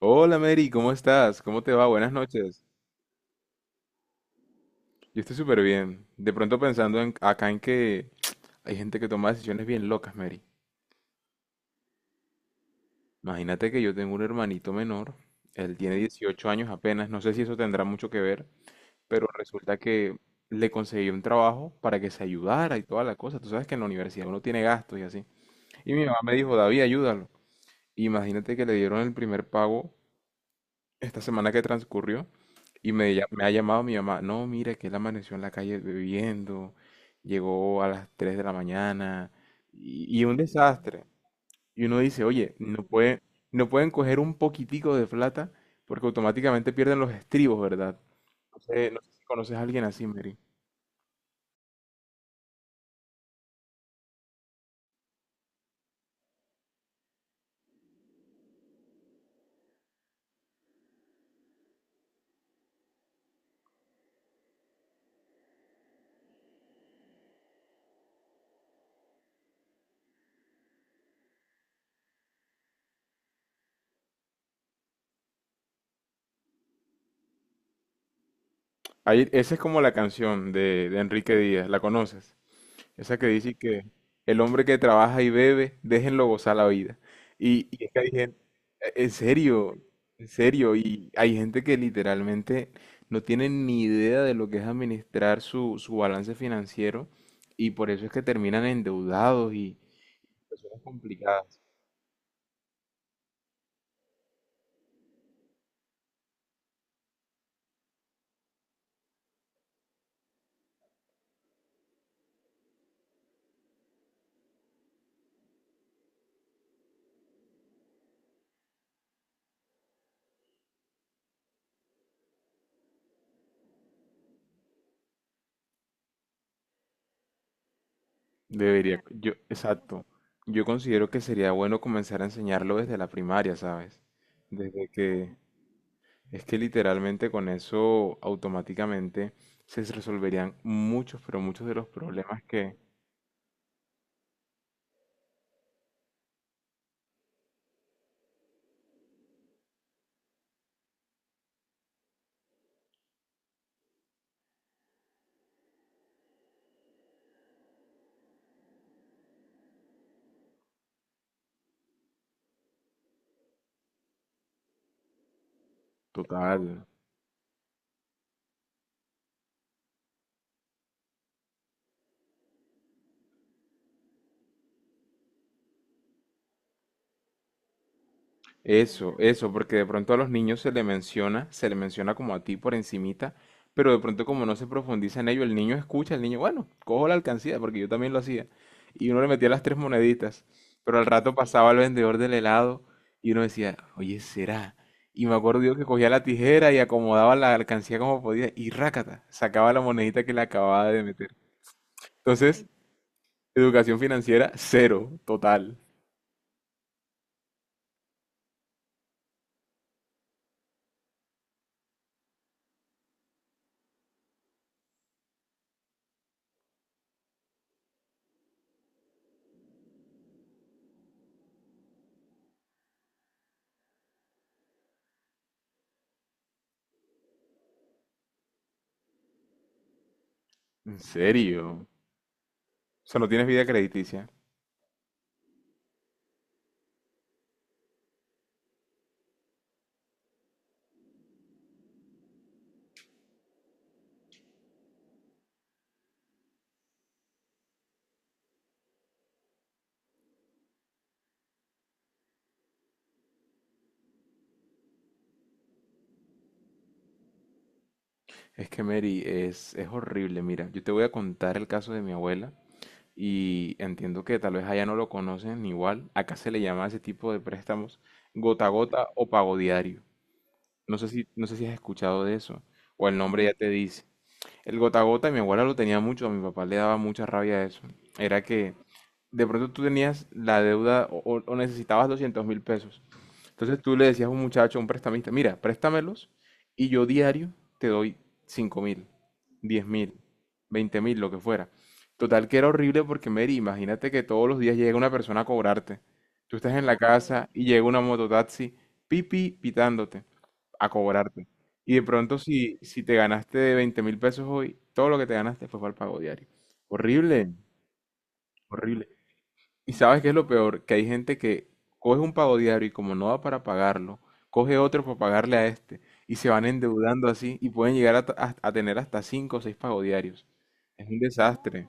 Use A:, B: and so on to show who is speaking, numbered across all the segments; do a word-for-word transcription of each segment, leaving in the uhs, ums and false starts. A: Hola Mary, ¿cómo estás? ¿Cómo te va? Buenas noches. Yo estoy súper bien. De pronto pensando en, acá en que hay gente que toma decisiones bien locas, Mary. Imagínate que yo tengo un hermanito menor, él tiene dieciocho años apenas, no sé si eso tendrá mucho que ver, pero resulta que le conseguí un trabajo para que se ayudara y toda la cosa. Tú sabes que en la universidad uno tiene gastos y así. Y mi mamá me dijo, David, ayúdalo. Imagínate que le dieron el primer pago esta semana que transcurrió y me, lla- me ha llamado mi mamá, no, mira que él amaneció en la calle bebiendo, llegó a las tres de la mañana y, y un desastre. Y uno dice, oye, no puede, no pueden coger un poquitico de plata porque automáticamente pierden los estribos, ¿verdad? No sé, no sé si conoces a alguien así, Mary. Ahí, esa es como la canción de, de Enrique Díaz, ¿la conoces? Esa que dice que el hombre que trabaja y bebe, déjenlo gozar la vida. Y, y es que hay gente, en serio, en serio, y hay gente que literalmente no tiene ni idea de lo que es administrar su, su balance financiero y por eso es que terminan endeudados y personas complicadas. Debería, yo, exacto. Yo considero que sería bueno comenzar a enseñarlo desde la primaria, ¿sabes? Desde que, es que literalmente con eso automáticamente se resolverían muchos, pero muchos de los problemas que, total. Eso, eso, porque de pronto a los niños se le menciona, se le menciona como a ti por encimita, pero de pronto como no se profundiza en ello, el niño escucha, el niño, bueno, cojo la alcancía, porque yo también lo hacía, y uno le metía las tres moneditas, pero al rato pasaba el vendedor del helado y uno decía, oye, ¿será? Y me acuerdo yo que cogía la tijera y acomodaba la alcancía como podía y rácata, sacaba la monedita que le acababa de meter. Entonces, educación financiera, cero, total. ¿En serio? O sea, no tienes vida crediticia. Es que Mary, es, es horrible. Mira, yo te voy a contar el caso de mi abuela y entiendo que tal vez allá no lo conocen igual. Acá se le llama a ese tipo de préstamos gota a gota o pago diario. No sé si, no sé si has escuchado de eso o el nombre ya te dice. El gota a gota, mi abuela lo tenía mucho, a mi papá le daba mucha rabia eso. Era que de pronto tú tenías la deuda o, o- o necesitabas doscientos mil pesos, entonces tú le decías a un muchacho, a un prestamista, mira, préstamelos y yo diario te doy cinco mil, diez mil, veinte mil, lo que fuera. Total que era horrible porque Mary, imagínate que todos los días llega una persona a cobrarte. Tú estás en la casa y llega una mototaxi, pipi, pitándote, a cobrarte. Y de pronto si, si te ganaste veinte mil pesos hoy, todo lo que te ganaste fue para el pago diario. Horrible, horrible. Y sabes qué es lo peor, que hay gente que coge un pago diario y como no da para pagarlo, coge otro para pagarle a este y se van endeudando así y pueden llegar a, ta- a- a tener hasta cinco o seis pagos diarios. Es un desastre,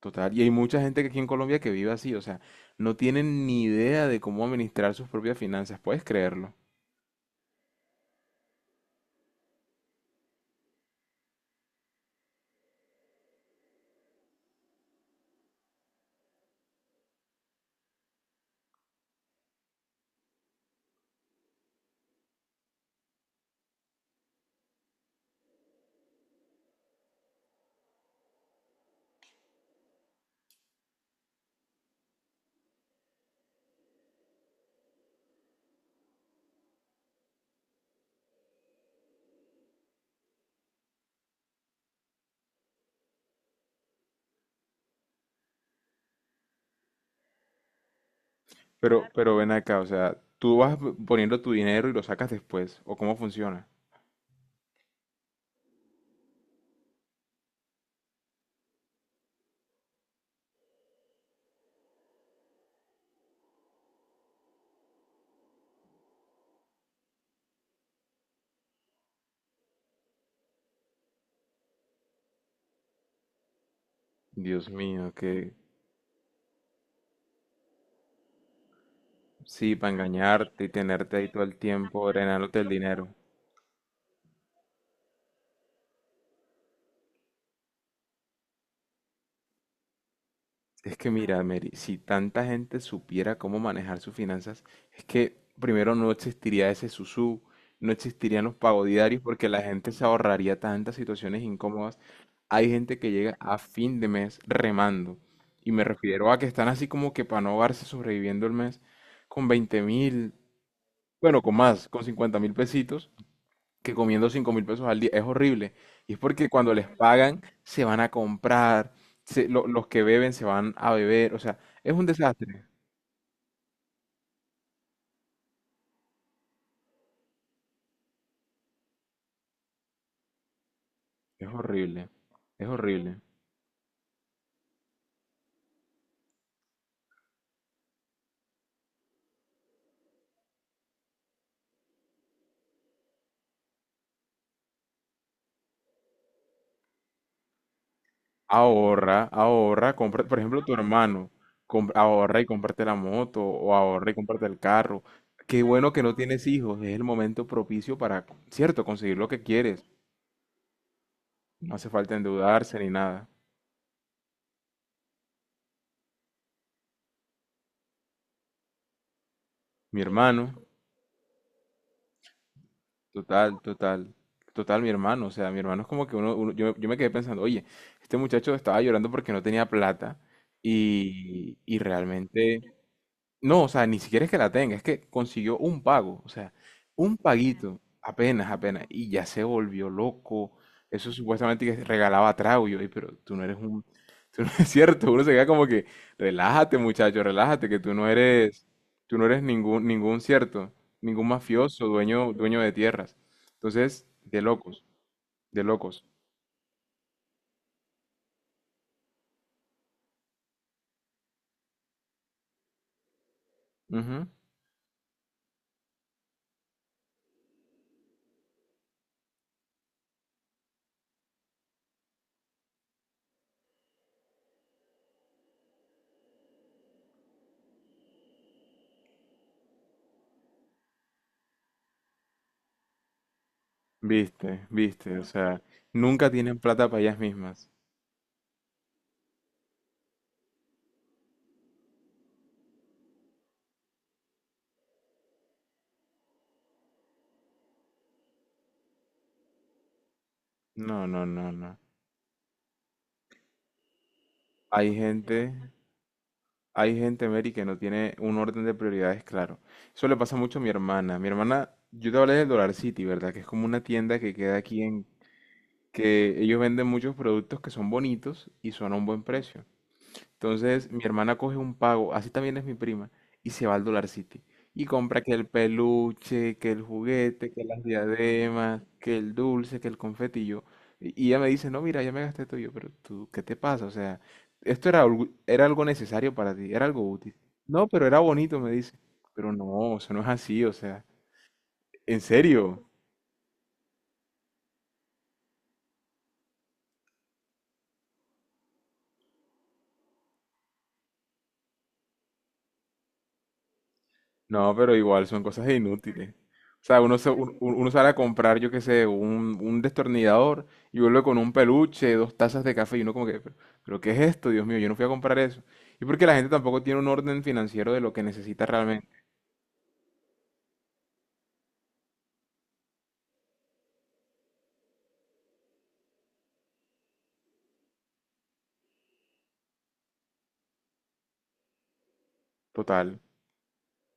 A: total. Y hay mucha gente que aquí en Colombia que vive así, o sea, no tienen ni idea de cómo administrar sus propias finanzas, puedes creerlo. Pero, claro, pero ven acá, o sea, tú vas p- poniendo tu dinero y lo sacas después, ¿o cómo funciona? Dios mío, que sí, para engañarte y tenerte ahí todo el tiempo, drenándote el dinero. Es que mira, Mary, si tanta gente supiera cómo manejar sus finanzas, es que primero no existiría ese susú, no existirían los pagos diarios porque la gente se ahorraría tantas situaciones incómodas. Hay gente que llega a fin de mes remando y me refiero a que están así como que para no ahogarse sobreviviendo el mes con veinte mil, bueno, con más, con cincuenta mil pesitos, que comiendo cinco mil pesos al día. Es horrible. Y es porque cuando les pagan, se van a comprar, se- lo- los que beben se van a beber. O sea, es un desastre. Es horrible. Es horrible. Ahorra, ahorra, compra, por ejemplo, tu hermano, compra- ahorra y comparte la moto o ahorra y comparte el carro. Qué bueno que no tienes hijos, es el momento propicio para, cierto, conseguir lo que quieres. No hace falta endeudarse ni nada. Mi hermano, total, total, total, mi hermano. O sea, mi hermano es como que uno, uno- yo, yo me quedé pensando, oye, este muchacho estaba llorando porque no tenía plata y, y realmente no, o sea, ni siquiera es que la tenga, es que consiguió un pago, o sea, un paguito, apenas, apenas, y ya se volvió loco. Eso supuestamente que regalaba trago, y yo, "Ey, pero tú no eres un, tú no es cierto, uno se queda como que, relájate muchacho, relájate, que tú no eres, tú no eres ningún, ningún cierto, ningún mafioso, dueño, dueño de tierras. Entonces, de locos, de locos. Ujú. Viste, viste, o sea, nunca tienen plata para ellas mismas. No, no, no, no. Hay gente. Hay gente, Mary, que no tiene un orden de prioridades claro. Eso le pasa mucho a mi hermana. Mi hermana, yo te hablé del Dollar City, ¿verdad? Que es como una tienda que queda aquí en... Que ellos venden muchos productos que son bonitos y son a un buen precio. Entonces, mi hermana coge un pago, así también es mi prima, y se va al Dollar City. Y compra que el peluche, que el juguete, que las diademas, que el dulce, que el confeti. Y yo, y y ella me dice, no, mira, ya me gasté todo. Y yo, pero tú, ¿qué te pasa? O sea, esto era algo, era algo necesario para ti, era algo útil. No, pero era bonito, me dice. Pero no, eso no es así, o sea, en serio. No, pero igual son cosas inútiles. O sea, uno, se- un- un- uno sale a comprar, yo qué sé, un, un destornillador y vuelve con un peluche, dos tazas de café y uno como que, pero, pero ¿qué es esto? Dios mío, yo no fui a comprar eso. Y porque la gente tampoco tiene un orden financiero de lo que necesita realmente. Total.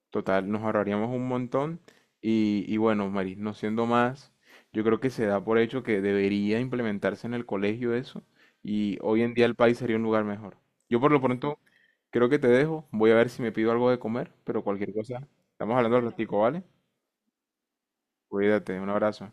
A: Total, nos ahorraríamos un montón. Y, y bueno, Maris, no siendo más, yo creo que se da por hecho que debería implementarse en el colegio eso. Y hoy en día el país sería un lugar mejor. Yo por lo pronto creo que te dejo. Voy a ver si me pido algo de comer, pero cualquier cosa. Estamos hablando al ratico, ¿vale? Cuídate, un abrazo.